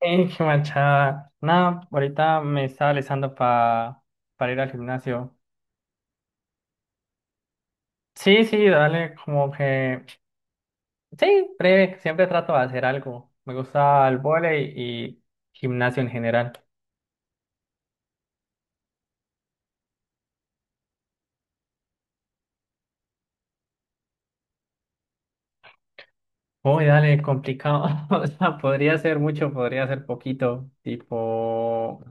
Qué manchada. Nada, ahorita me estaba alistando para ir al gimnasio. Sí, sí, dale, como que. Sí, breve, siempre trato de hacer algo. Me gusta el vóley y gimnasio en general. Uy, dale, complicado. O sea, podría ser mucho, podría ser poquito. Tipo.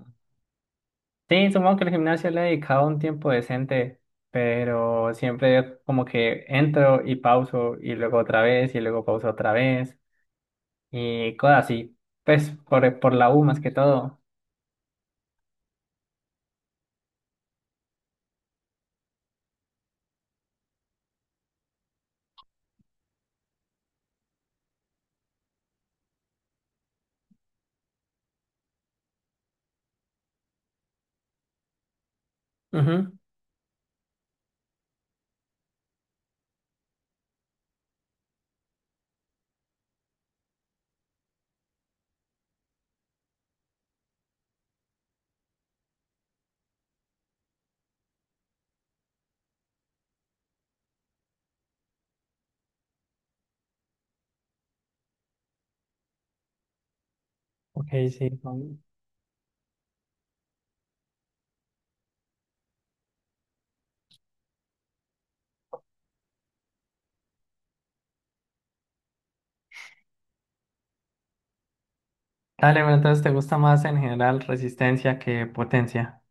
Sí, supongo que el gimnasio le he dedicado un tiempo decente, pero siempre como que entro y pauso y luego otra vez y luego pauso otra vez. Y cosas así. Pues por la U más que todo. Ujú, ok, sí. Dale, pero entonces te gusta más en general resistencia que potencia.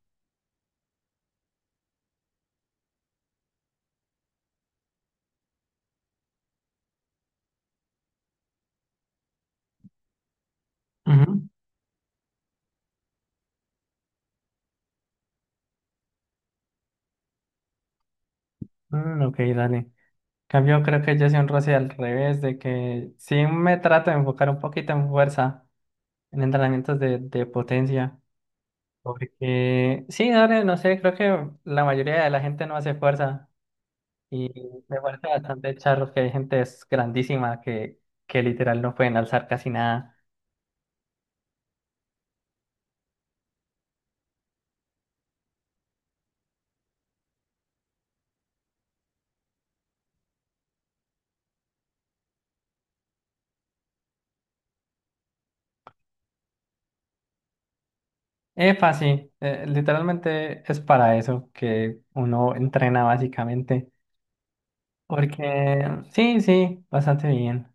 Ujú, mm, ok, dale. En cambio, creo que yo soy un roce al revés, de que sí me trato de enfocar un poquito en fuerza, en entrenamientos de potencia. Porque sí, dale, no sé, creo que la mayoría de la gente no hace fuerza. Y me parece bastante charro que hay gente es grandísima que literal no pueden alzar casi nada. Es fácil, literalmente es para eso que uno entrena básicamente. Porque sí, sí, bastante bien.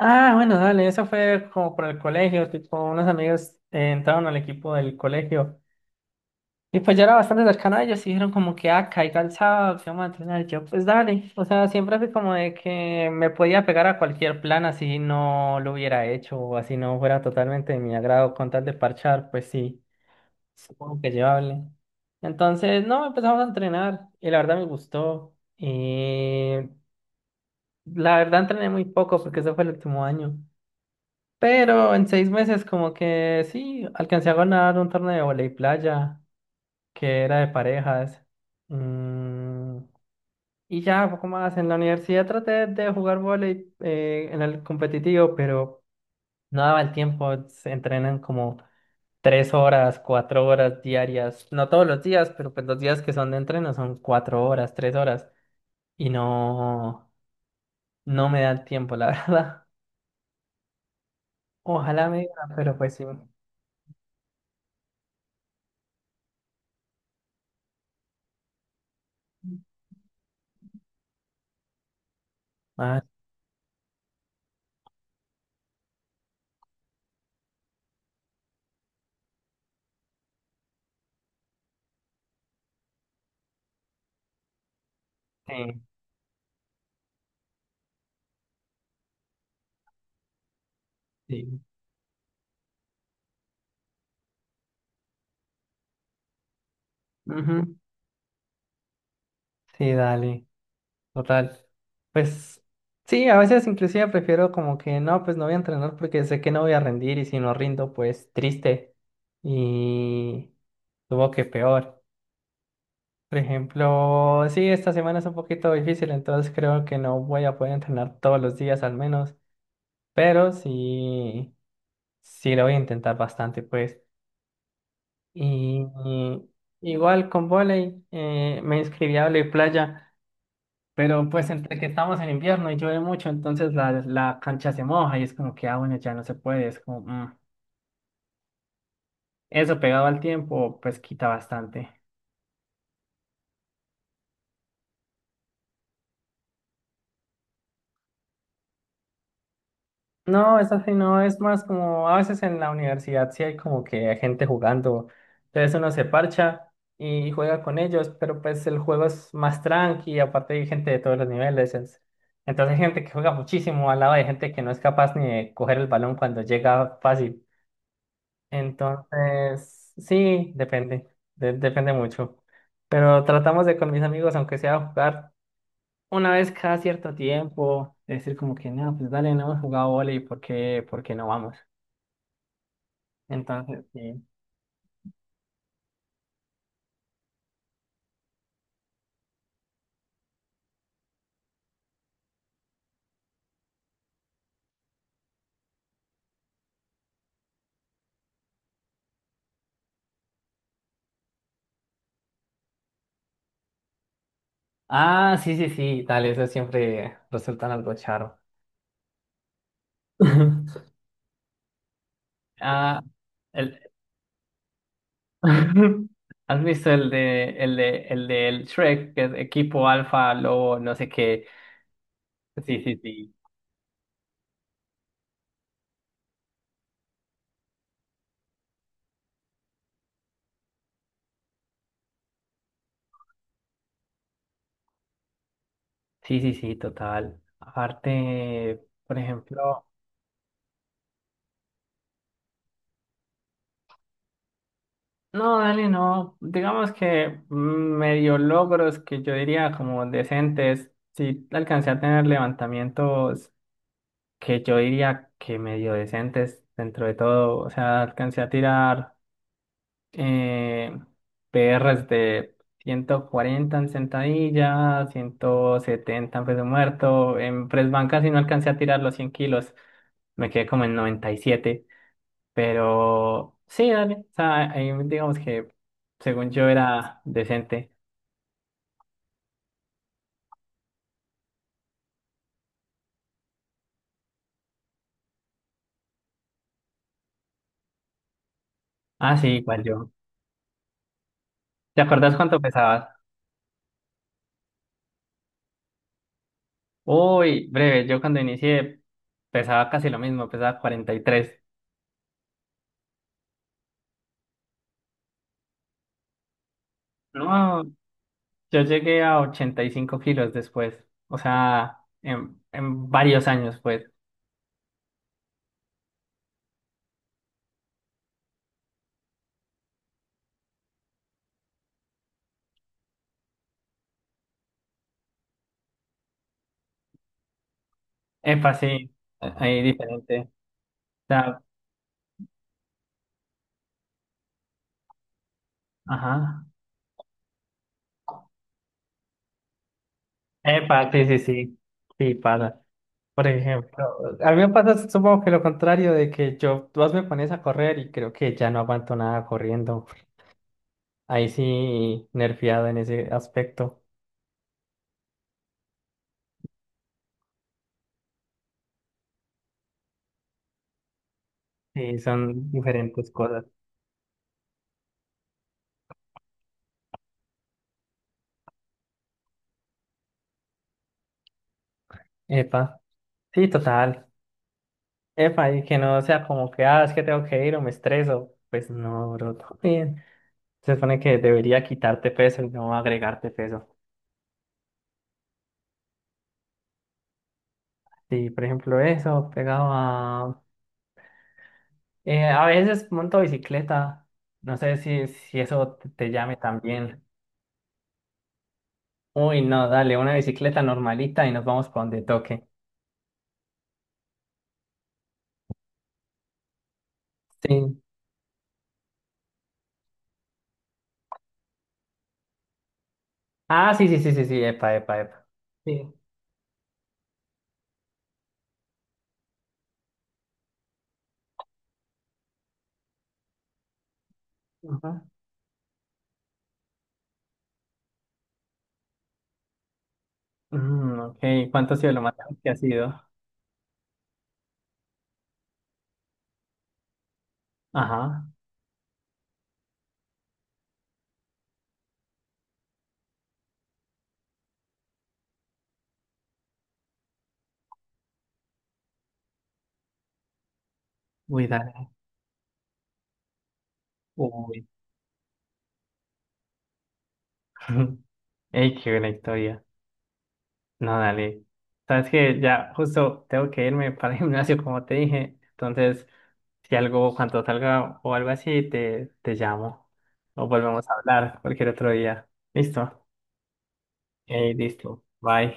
Ah, bueno, dale, eso fue como por el colegio, tipo, unos amigos entraron al equipo del colegio y pues yo era bastante cercano a ellos y dijeron como que, ah, caiga el sábado, que vamos a entrenar. Yo, pues dale, o sea, siempre fui como de que me podía pegar a cualquier plan así no lo hubiera hecho o así no fuera totalmente de mi agrado con tal de parchar, pues sí. Supongo que llevable. Entonces, no, empezamos a entrenar y la verdad me gustó. La verdad entrené muy poco porque ese fue el último año. Pero en 6 meses como que sí, alcancé a ganar un torneo de voley playa que era de parejas. Mm, y ya, poco más. En la universidad traté de jugar voley en el competitivo, pero no daba el tiempo. Se entrenan como 3 horas, 4 horas diarias, no todos los días, pero pues los días que son de entreno son 4 horas, 3 horas, y no, no me da el tiempo, la verdad. Ojalá me digan, pero pues sí. Ah, sí, sí. Ujú. Sí, dale, total. Pues sí, a veces inclusive prefiero como que no, pues no voy a entrenar porque sé que no voy a rendir y si no rindo, pues triste y tuvo que peor. Por ejemplo, sí, esta semana es un poquito difícil, entonces creo que no voy a poder entrenar todos los días al menos, pero sí, sí lo voy a intentar bastante, pues. Y igual con volei, me inscribí a volei playa, pero pues entre que estamos en invierno y llueve mucho, entonces la cancha se moja y es como que, ah, bueno, ya no se puede, es como, mm. Eso pegado al tiempo, pues quita bastante. No, es así, no, es más como a veces en la universidad sí hay como que hay gente jugando, entonces uno se parcha y juega con ellos, pero pues el juego es más tranqui, aparte hay gente de todos los niveles, entonces hay gente que juega muchísimo al lado de gente que no es capaz ni de coger el balón cuando llega fácil, entonces sí, depende, depende mucho, pero tratamos de con mis amigos, aunque sea jugar una vez cada cierto tiempo, decir como que, no, pues dale, no hemos jugado vóley, por qué no vamos? Entonces, sí. Ah, sí, sí, sí, dale, eso siempre resulta en algo charo. Ah, el... ¿Has visto el de, el de, el del Shrek, que es equipo alfa, lobo, no sé qué? Sí, sí, sí. Sí, sí, sí, total. Aparte, por ejemplo. No, Dani, no. Digamos que medio logros que yo diría como decentes. Sí, alcancé a tener levantamientos que yo diría que medio decentes dentro de todo. O sea, alcancé a tirar eh, PRs de 140 en sentadilla, 170 en peso muerto. En press banca, si no alcancé a tirar los 100 kilos, me quedé como en 97. Pero sí, dale. O sea, ahí digamos que según yo era decente. Ah, sí, igual yo. ¿Te acordás cuánto pesabas? Uy, breve, yo cuando inicié pesaba casi lo mismo, pesaba 43. No, yo llegué a 85 kilos después. O sea, en varios años, pues. Epa, sí, ahí diferente. O sea, ajá. Epa, sí, sí, sí. Sí, pasa. Por ejemplo, a mí me pasa, supongo que lo contrario de que yo, vos me pones a correr y creo que ya no aguanto nada corriendo. Ahí sí, nerfeado en ese aspecto. Sí, son diferentes cosas. Epa, sí, total. Epa, y que no sea como que, ah, es que tengo que ir o me estreso. Pues no, bro, todo bien. Se supone que debería quitarte peso y no agregarte peso. Sí, por ejemplo, eso, pegado a veces monto bicicleta. No sé si eso te llame también. Uy, no, dale, una bicicleta normalita y nos vamos para donde toque. Sí. Ah, sí, sí, sí, sí, sí, epa, epa, epa. Sí. Ajá. Mm, ok. ¿Cuánto ha sido lo más largo que ha sido? Ajá. Uy, dale. Uy. Ey, qué buena historia. No, dale. Sabes que ya justo tengo que irme para el gimnasio, como te dije. Entonces, si algo, cuando salga o algo así, te llamo. O volvemos a hablar cualquier otro día. ¿Listo? Ey, listo. Bye.